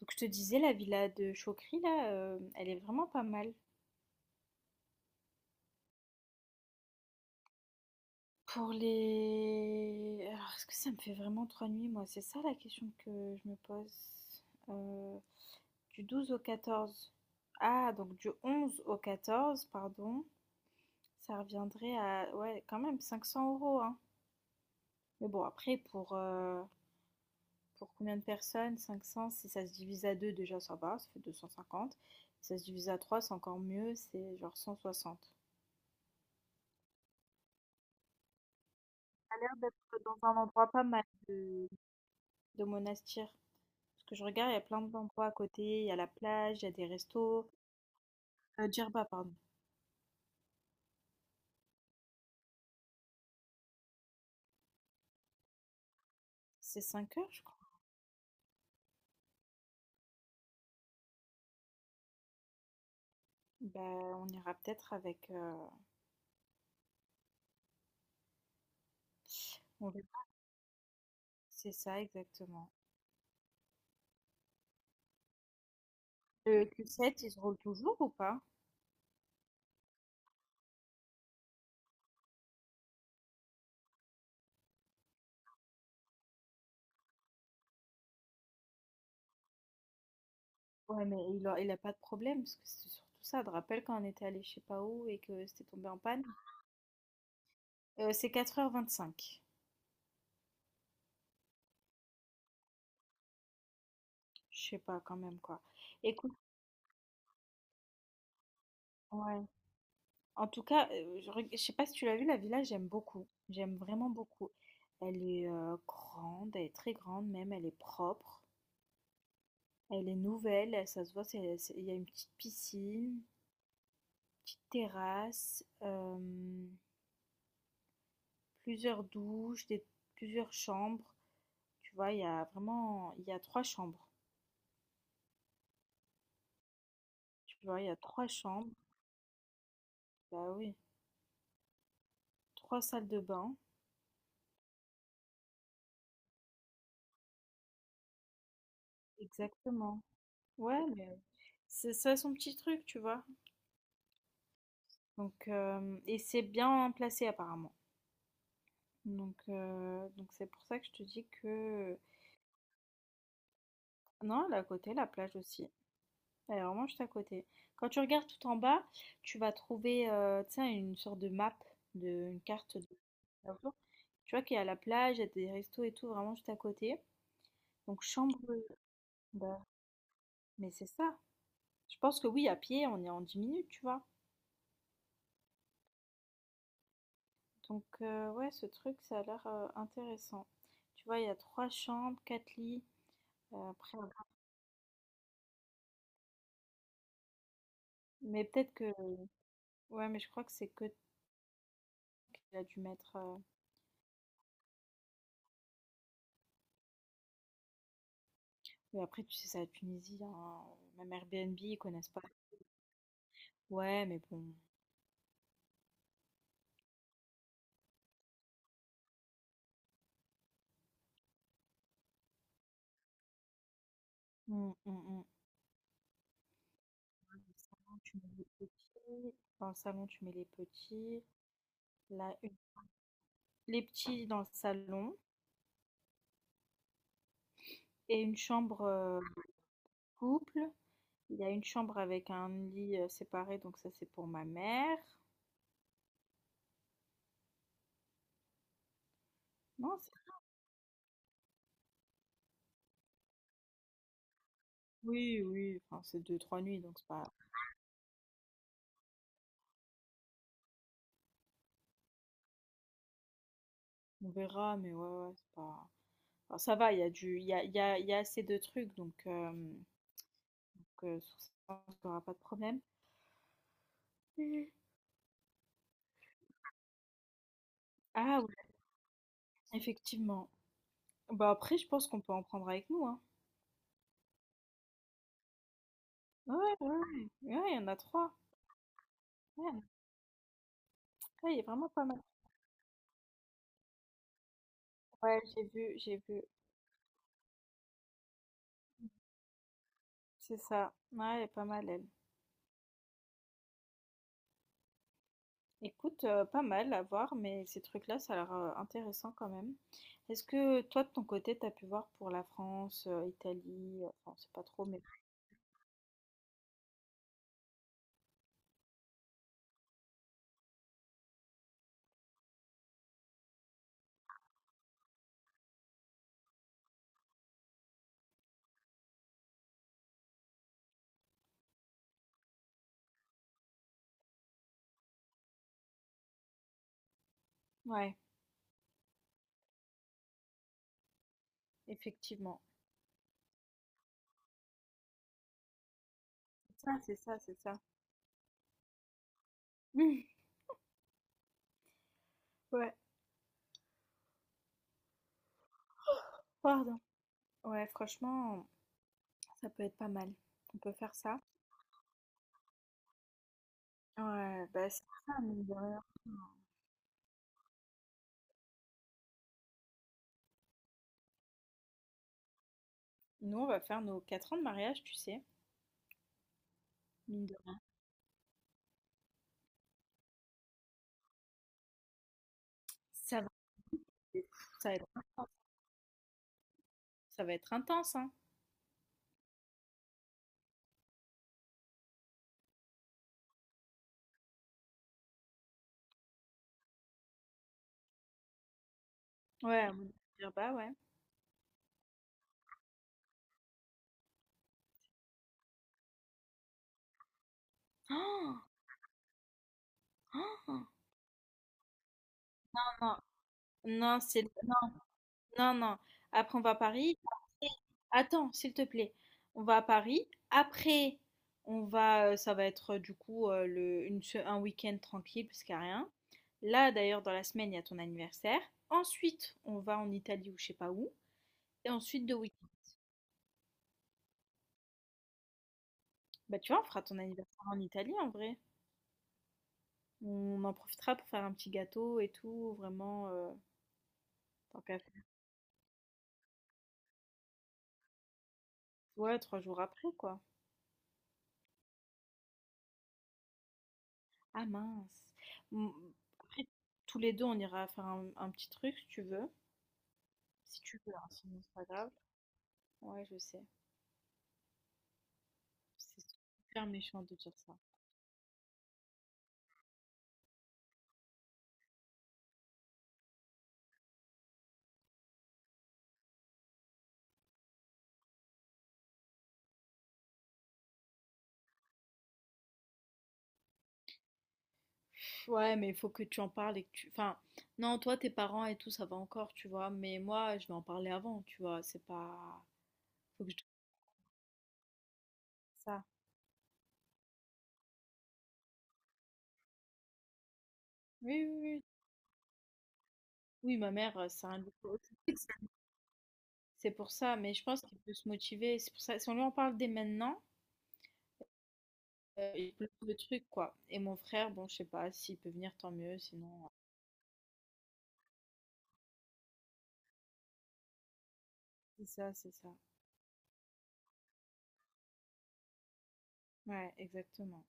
Donc je te disais, la villa de Chokri, là, elle est vraiment pas mal. Pour les... Alors, est-ce que ça me fait vraiment trois nuits, moi? C'est ça la question que je me pose. Euh, du 12 au 14. Ah, donc du 11 au 14, pardon. Ça reviendrait à... Ouais, quand même, 500 euros, hein. Mais bon, après, pour combien de personnes? 500, si ça se divise à deux, déjà, ça va, ça fait 250. Si ça se divise à trois, c'est encore mieux, c'est genre 160. A l'air d'être dans un endroit pas mal de Monastir. Parce que je regarde, il y a plein d'endroits à côté. Il y a la plage, il y a des restos. Djerba, pardon. C'est 5 heures, je crois. Bah, on ira peut-être avec. On verra. C'est ça, exactement. Le Q7, il se roule toujours ou pas? Ouais, mais il a pas de problème, parce que c'est surtout ça. Je te rappelle quand on était allé je sais pas où et que c'était tombé en panne? C'est quatre heures vingt-cinq. Je sais pas, quand même, quoi. Écoute, ouais. En tout cas, je reg sais pas si tu l'as vu la villa, j'aime beaucoup. J'aime vraiment beaucoup. Elle est, grande, elle est très grande même, elle est propre, elle est nouvelle, elle ça se voit, c'est il y a une petite piscine, petite terrasse, plusieurs douches, des plusieurs chambres. Tu vois, il y a vraiment il y a 3 chambres. Tu vois, il y a 3 chambres. Bah oui, trois salles de bain. Exactement. Ouais, mais c'est ça son petit truc, tu vois? Donc, hem et c'est bien placé apparemment. Donc, donc c'est pour ça que je te dis que non, elle est à côté la plage aussi. Elle est vraiment juste à côté. Quand tu regardes tout en bas, tu vas trouver, tu sais, une sorte de map, de une carte de tu vois qu'il y a la plage, il y a des restos et tout vraiment juste à côté. Donc chambre, bah, mais c'est ça. Je pense que oui, à pied, on est en 10 minutes, tu vois? Donc, ouais, ce truc, ça a l'air, intéressant. Tu vois, il y a 3 chambres, 4 lits, après mais peut-être que. Ouais, mais je crois que c'est que qu'il a dû mettre. Mais après, tu sais, c'est la Tunisie, hein, même Airbnb, ils connaissent pas. Ouais, mais bon. Mm, mm, mm. Dans le salon, tu mets les petits. Dans le salon, tu mets les petits. Là, une- les petits dans le salon. Et une chambre couple. Il y a une chambre avec un lit séparé, donc ça, c'est pour ma mère. Non, c'est- oui, oui. Enfin, c'est deux, trois nuits, donc c'est pas. On verra, mais ouais, ouais, c'est pas. Alors ça va, il y a du, il y a assez de trucs, donc, sur ça, on n'aura pas de problème. Mhm. Ah oui, effectivement. Bah après, je pense qu'on peut en prendre avec nous, hein. Ouais, ouais, ouais, ouais, il y en a trois. Ouais, il y en a trois, il est vraiment pas mal. Ouais, j'ai vu, j'ai vu. C'est ça. Ouais, elle est pas mal, elle. Écoute, pas mal à voir, mais ces trucs-là, ça a l'air intéressant quand même. Est-ce que toi, de ton côté, t'as pu voir pour la France, Italie, enfin, c'est pas trop, mais... Ouais, effectivement. C'est ça, c'est ça, c'est ça. Ouais, pardon. Ouais, franchement, ça peut être pas mal. On peut faire ça. Ouais, bah c'est ça, mine de rien. Nous, on va faire nos 4 ans de mariage, tu sais, mine de rien. Ça va être, ça va être, ça va être intense, hein. Ouais, on va dire, bah ouais. Oh, oh, non, non, c'est non, non. Après, on va à Paris. Après- attends, s'il te plaît. On va à Paris. Après, on va, ça va être du coup le, une se- un week-end tranquille parce qu'il n'y a rien. Là, d'ailleurs, dans la semaine, il y a ton anniversaire. Ensuite, on va en Italie ou je sais pas où. Et ensuite, deux week-ends. Bah, tu vois, on fera ton anniversaire en Italie en vrai. On en profitera pour faire un petit gâteau et tout. Vraiment, tant qu'à faire. Ouais, trois jours après, quoi. Ah mince. Mm, après, tous les deux, on ira faire un petit truc si tu veux. Si tu veux, hein, sinon c'est pas grave. Ouais, je sais. C'est super méchant de dire ça. Ouais, mais il faut que tu en parles et que tu... Enfin, non, toi, tes parents et tout, ça va encore, tu vois. Mais moi, je vais en parler avant, tu vois. C'est pas... Faut que je te dise ça. Oui, oui, oui. Oui, ma mère, c'est un défaut autistique, c'est pour ça, mais je pense qu'il peut se motiver. C'est pour ça, si on lui en parle dès maintenant, il peut le truc, quoi. Et mon frère, bon, je sais pas, s'il peut venir, tant mieux, sinon... C'est ça, c'est ça. Ouais, exactement.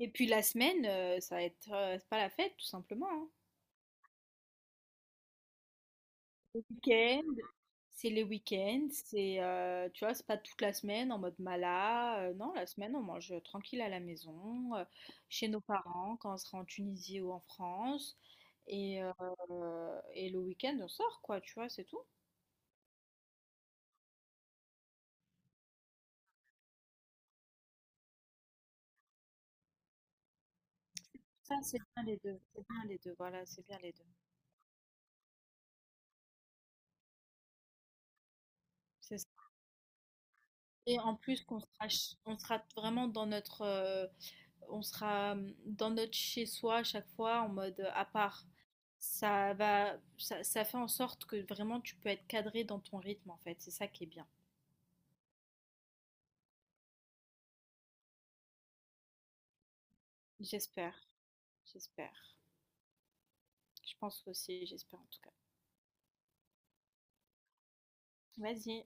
Et puis la semaine, ça va être c'est pas la fête, tout simplement. Hein. Week-end, c'est les week-ends, c'est, tu vois, c'est pas toute la semaine en mode mala. Non, la semaine, on mange tranquille à la maison, chez nos parents, quand on sera en Tunisie ou en France. Et, et le week-end, on sort, quoi, tu vois, c'est tout. Ça, c'est bien les deux. C'est bien les deux, voilà, c'est bien les deux. C'est ça. Et en plus qu'on sera, ch- on sera vraiment dans notre, on sera dans notre chez-soi à chaque fois en mode à part. Ça va, ça fait en sorte que vraiment tu peux être cadré dans ton rythme en fait. C'est ça qui est bien. J'espère, j'espère. Je pense aussi, j'espère en tout cas. Vas-y.